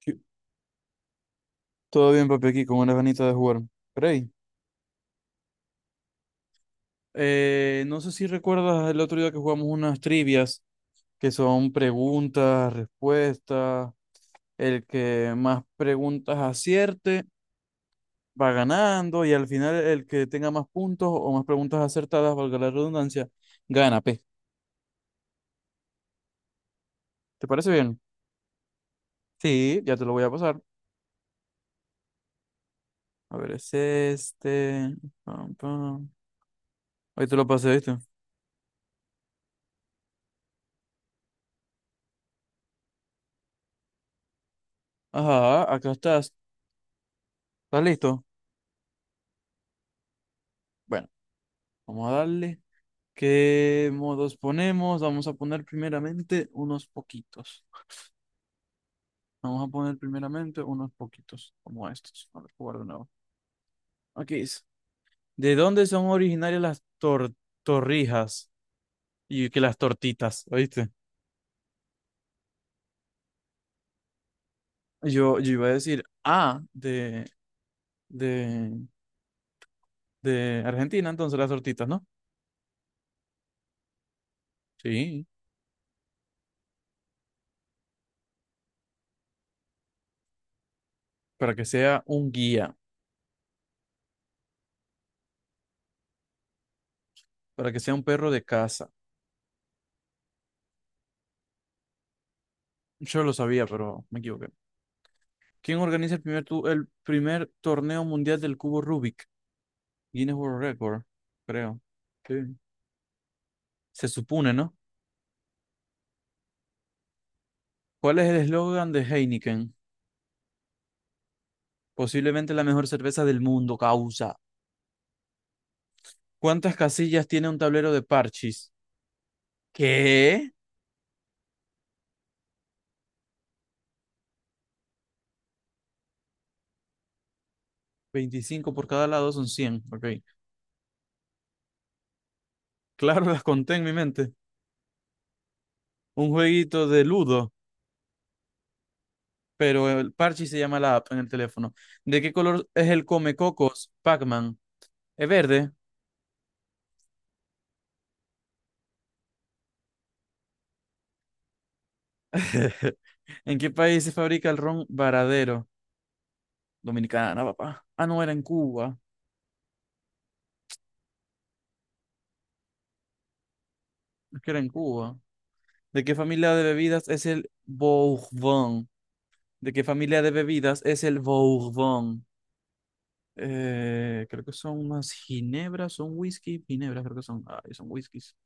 ¿Qué- Todo bien, papi, aquí con una ganita de jugar. Rey, no sé si recuerdas el otro día que jugamos unas trivias que son preguntas, respuestas. El que más preguntas acierte va ganando y al final el que tenga más puntos o más preguntas acertadas, valga la redundancia, gana, P. ¿Te parece bien? Sí, ya te lo voy a pasar. A ver, es este. Pam, pam. Ahí te lo pasé, ¿viste? Ajá, acá estás. ¿Estás listo? Bueno, vamos a darle. ¿Qué modos ponemos? Vamos a poner primeramente unos poquitos. Vamos a poner primeramente unos poquitos, como estos. A ver, jugar de nuevo. Aquí dice, ¿de dónde son originarias las torrijas? Y que las tortitas, ¿oíste? Yo iba a decir, ah, de, de Argentina, entonces las tortitas, ¿no? Sí, para que sea un guía, para que sea un perro de casa. Yo lo sabía, pero me equivoqué. ¿Quién organiza el primer torneo mundial del cubo Rubik? Guinness World Record, creo. Sí. Se supone, ¿no? ¿Cuál es el eslogan de Heineken? Posiblemente la mejor cerveza del mundo, causa. ¿Cuántas casillas tiene un tablero de parchis? ¿Qué? 25 por cada lado son 100. Ok. Claro, las conté en mi mente. Un jueguito de ludo, pero el parchis se llama la app en el teléfono. ¿De qué color es el Comecocos Pac-Man? ¿Es verde? ¿En qué país se fabrica el ron Varadero? Dominicana, papá. Ah, no, era en Cuba. Es que era en Cuba. ¿De qué familia de bebidas es el Bourbon? ¿De qué familia de bebidas es el Bourbon? Creo que son unas ginebras, son whisky, ginebras, creo que son. Ay, son whiskies.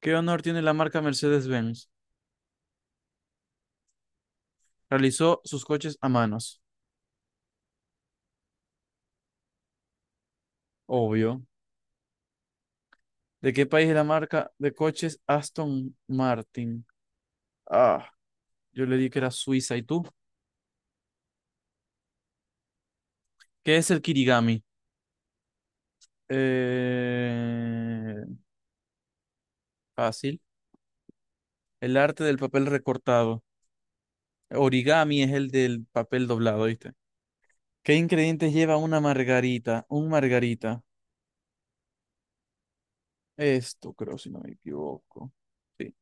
¿Qué honor tiene la marca Mercedes-Benz? Realizó sus coches a manos, obvio. ¿De qué país es la marca de coches Aston Martin? Ah, yo le di que era Suiza. ¿Y tú? ¿Qué es el kirigami? Eh, Fácil. El arte del papel recortado. Origami es el del papel doblado, ¿viste? ¿Qué ingredientes lleva una margarita? Un margarita. Esto creo, si no me equivoco. Sí.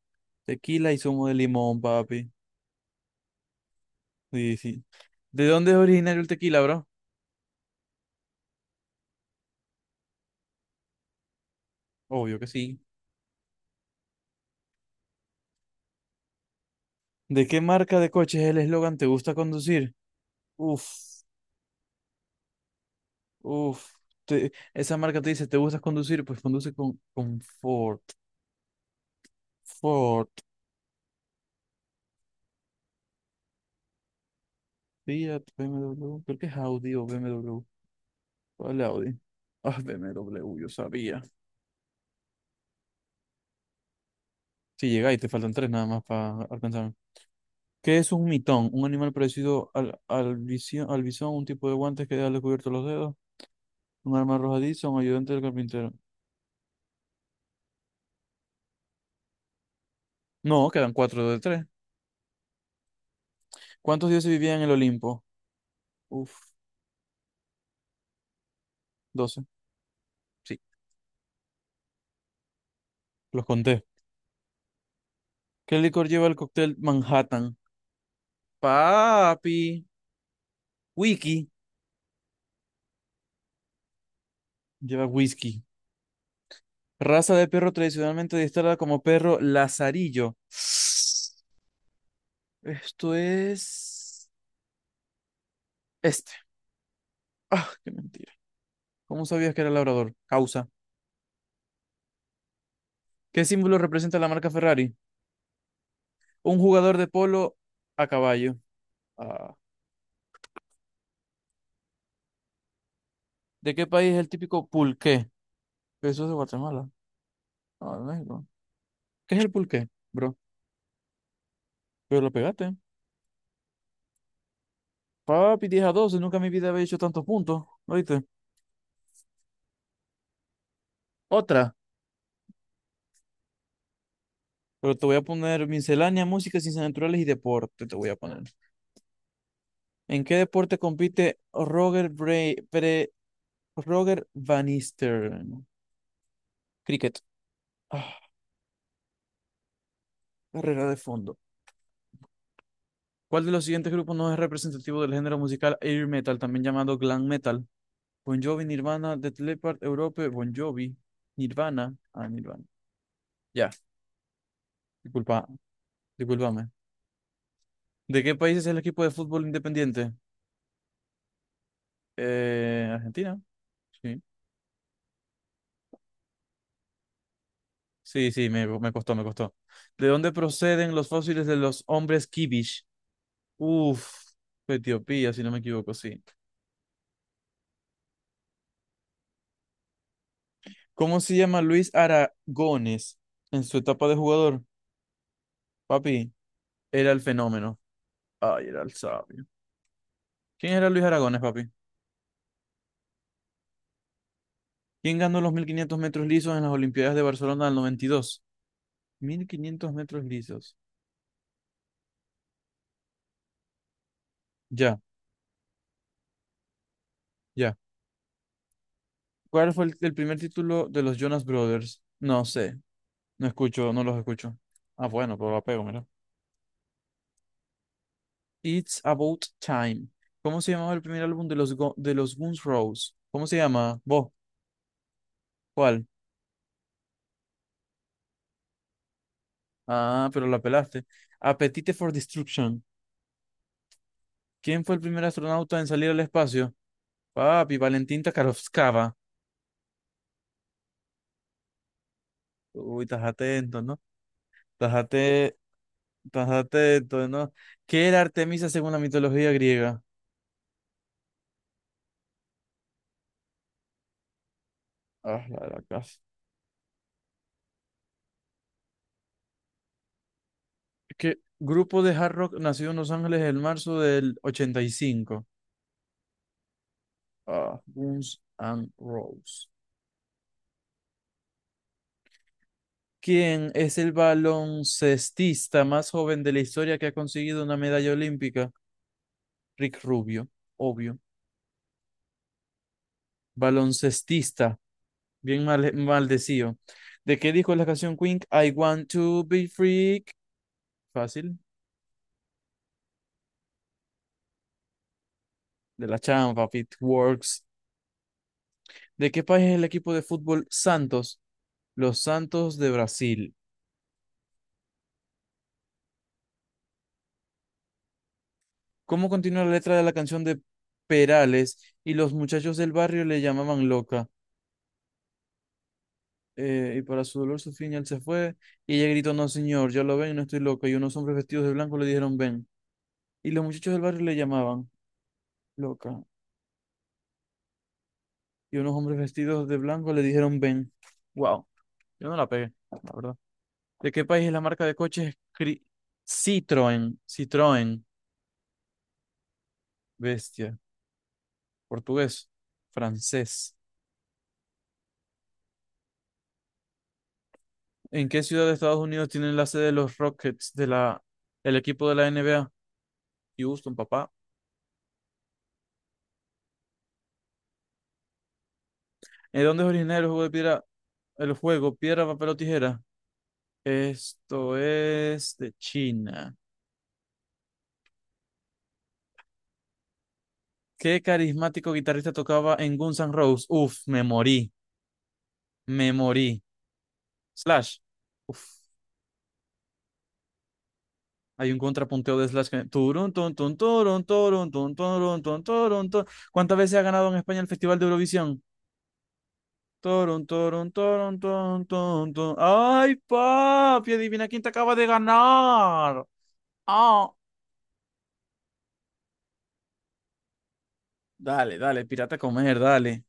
Tequila y zumo de limón, papi. Sí, sí. ¿De dónde es originario el tequila, bro? Obvio que sí. ¿De qué marca de coches es el eslogan ¿Te gusta conducir? Uf, uf. Esa marca te dice ¿Te gusta conducir? Pues conduce con Ford. Ford. Fiat, BMW. Creo que es Audi o BMW. ¿Cuál Audi? Ah, BMW, yo sabía. Si llegáis, te faltan tres nada más para alcanzarme. ¿Qué es un mitón? Un animal parecido al bisón, un tipo de guantes que deja descubiertos los dedos, un arma arrojadiza, un ayudante del carpintero. No, quedan cuatro de tres. ¿Cuántos dioses vivían en el Olimpo? Uf, 12. Sí, los conté. ¿Qué licor lleva el cóctel Manhattan? Papi. Wiki. Lleva whisky. Raza de perro tradicionalmente adiestrada como perro lazarillo. Esto es... Este. Ah, qué mentira. ¿Cómo sabías que era labrador? Causa. ¿Qué símbolo representa la marca Ferrari? Un jugador de polo a caballo. Ah, ¿de qué país es el típico pulqué? Eso es de Guatemala. Ah, de México. ¿Qué es el pulqué, bro? Pero lo pegaste. Papi, 10-12. Nunca en mi vida había hecho tantos puntos. ¿Oíste? Otra. Pero te voy a poner miscelánea, música, ciencias naturales y deporte. Te voy a poner. ¿En qué deporte compite Roger Bray, Pre- Roger Van Eastern? Cricket. Ah, carrera de fondo. ¿Cuál de los siguientes grupos no es representativo del género musical air metal, también llamado glam metal? Bon Jovi, Nirvana, Def Leppard, Europe, Bon Jovi, Nirvana. Ah, Nirvana. Ya, disculpa, discúlpame. ¿De qué país es el equipo de fútbol independiente? Argentina. Sí, sí, sí, me costó, me costó. ¿De dónde proceden los fósiles de los hombres Kibish? Uf, Etiopía, si no me equivoco, sí. ¿Cómo se llama Luis Aragones en su etapa de jugador? Papi, era el fenómeno. Ay, era el sabio. ¿Quién era Luis Aragones, papi? ¿Quién ganó los 1.500 metros lisos en las Olimpiadas de Barcelona del 92? 1.500 metros lisos. Ya, ya. ¿Cuál fue el primer título de los Jonas Brothers? No sé. No escucho, no los escucho. Ah, bueno, pero la pego, mira. It's About Time. ¿Cómo se llamaba el primer álbum de los Guns Roses? ¿Cómo se llama? ¿Vos? ¿Cuál? Ah, pero la pelaste. Appetite for Destruction. ¿Quién fue el primer astronauta en salir al espacio? Papi, Valentín Takarovskaya. Uy, estás atento, ¿no? Estás ate- estás atento, ¿no? ¿Qué era Artemisa según la mitología griega? Ah, la de la casa. ¿Qué grupo de hard rock nació en Los Ángeles en marzo del 85? Ah, Guns N' Roses. ¿Quién es el baloncestista más joven de la historia que ha conseguido una medalla olímpica? Rick Rubio, obvio. Baloncestista, bien mal, maldecido. ¿De qué dijo la canción Queen? I want to be free. Fácil. De la Champa, Works. ¿De qué país es el equipo de fútbol Santos? Los Santos de Brasil. ¿Cómo continúa la letra de la canción de Perales? Y los muchachos del barrio le llamaban loca. Y para su dolor, su final se fue. Y ella gritó: No, señor, ya lo ven, no estoy loca. Y unos hombres vestidos de blanco le dijeron: Ven. Y los muchachos del barrio le llamaban loca. Y unos hombres vestidos de blanco le dijeron: Ven. Wow, yo no la pegué, la verdad. ¿De qué país es la marca de coches Citroën? Citroën. Bestia. Portugués. Francés. ¿En qué ciudad de Estados Unidos tienen la sede de los Rockets de la, el equipo de la NBA? Houston, papá. ¿En dónde es originario el juego de piedra, el juego piedra, papel o tijera? Esto es de China. ¿Qué carismático guitarrista tocaba en Guns N' Roses? Uf, me morí. Me morí. Slash. Uf, hay un contrapunteo de Slash que... Turun, tun, tun, turun, turun, tun, turun, tun, turun, tun. ¿Cuántas veces ha ganado en España el Festival de Eurovisión? Torun, torun, torun, torun, torun, torun. ¡Ay, papi! Adivina quién te acaba de ganar. Ah, dale, dale, pirata a comer, dale.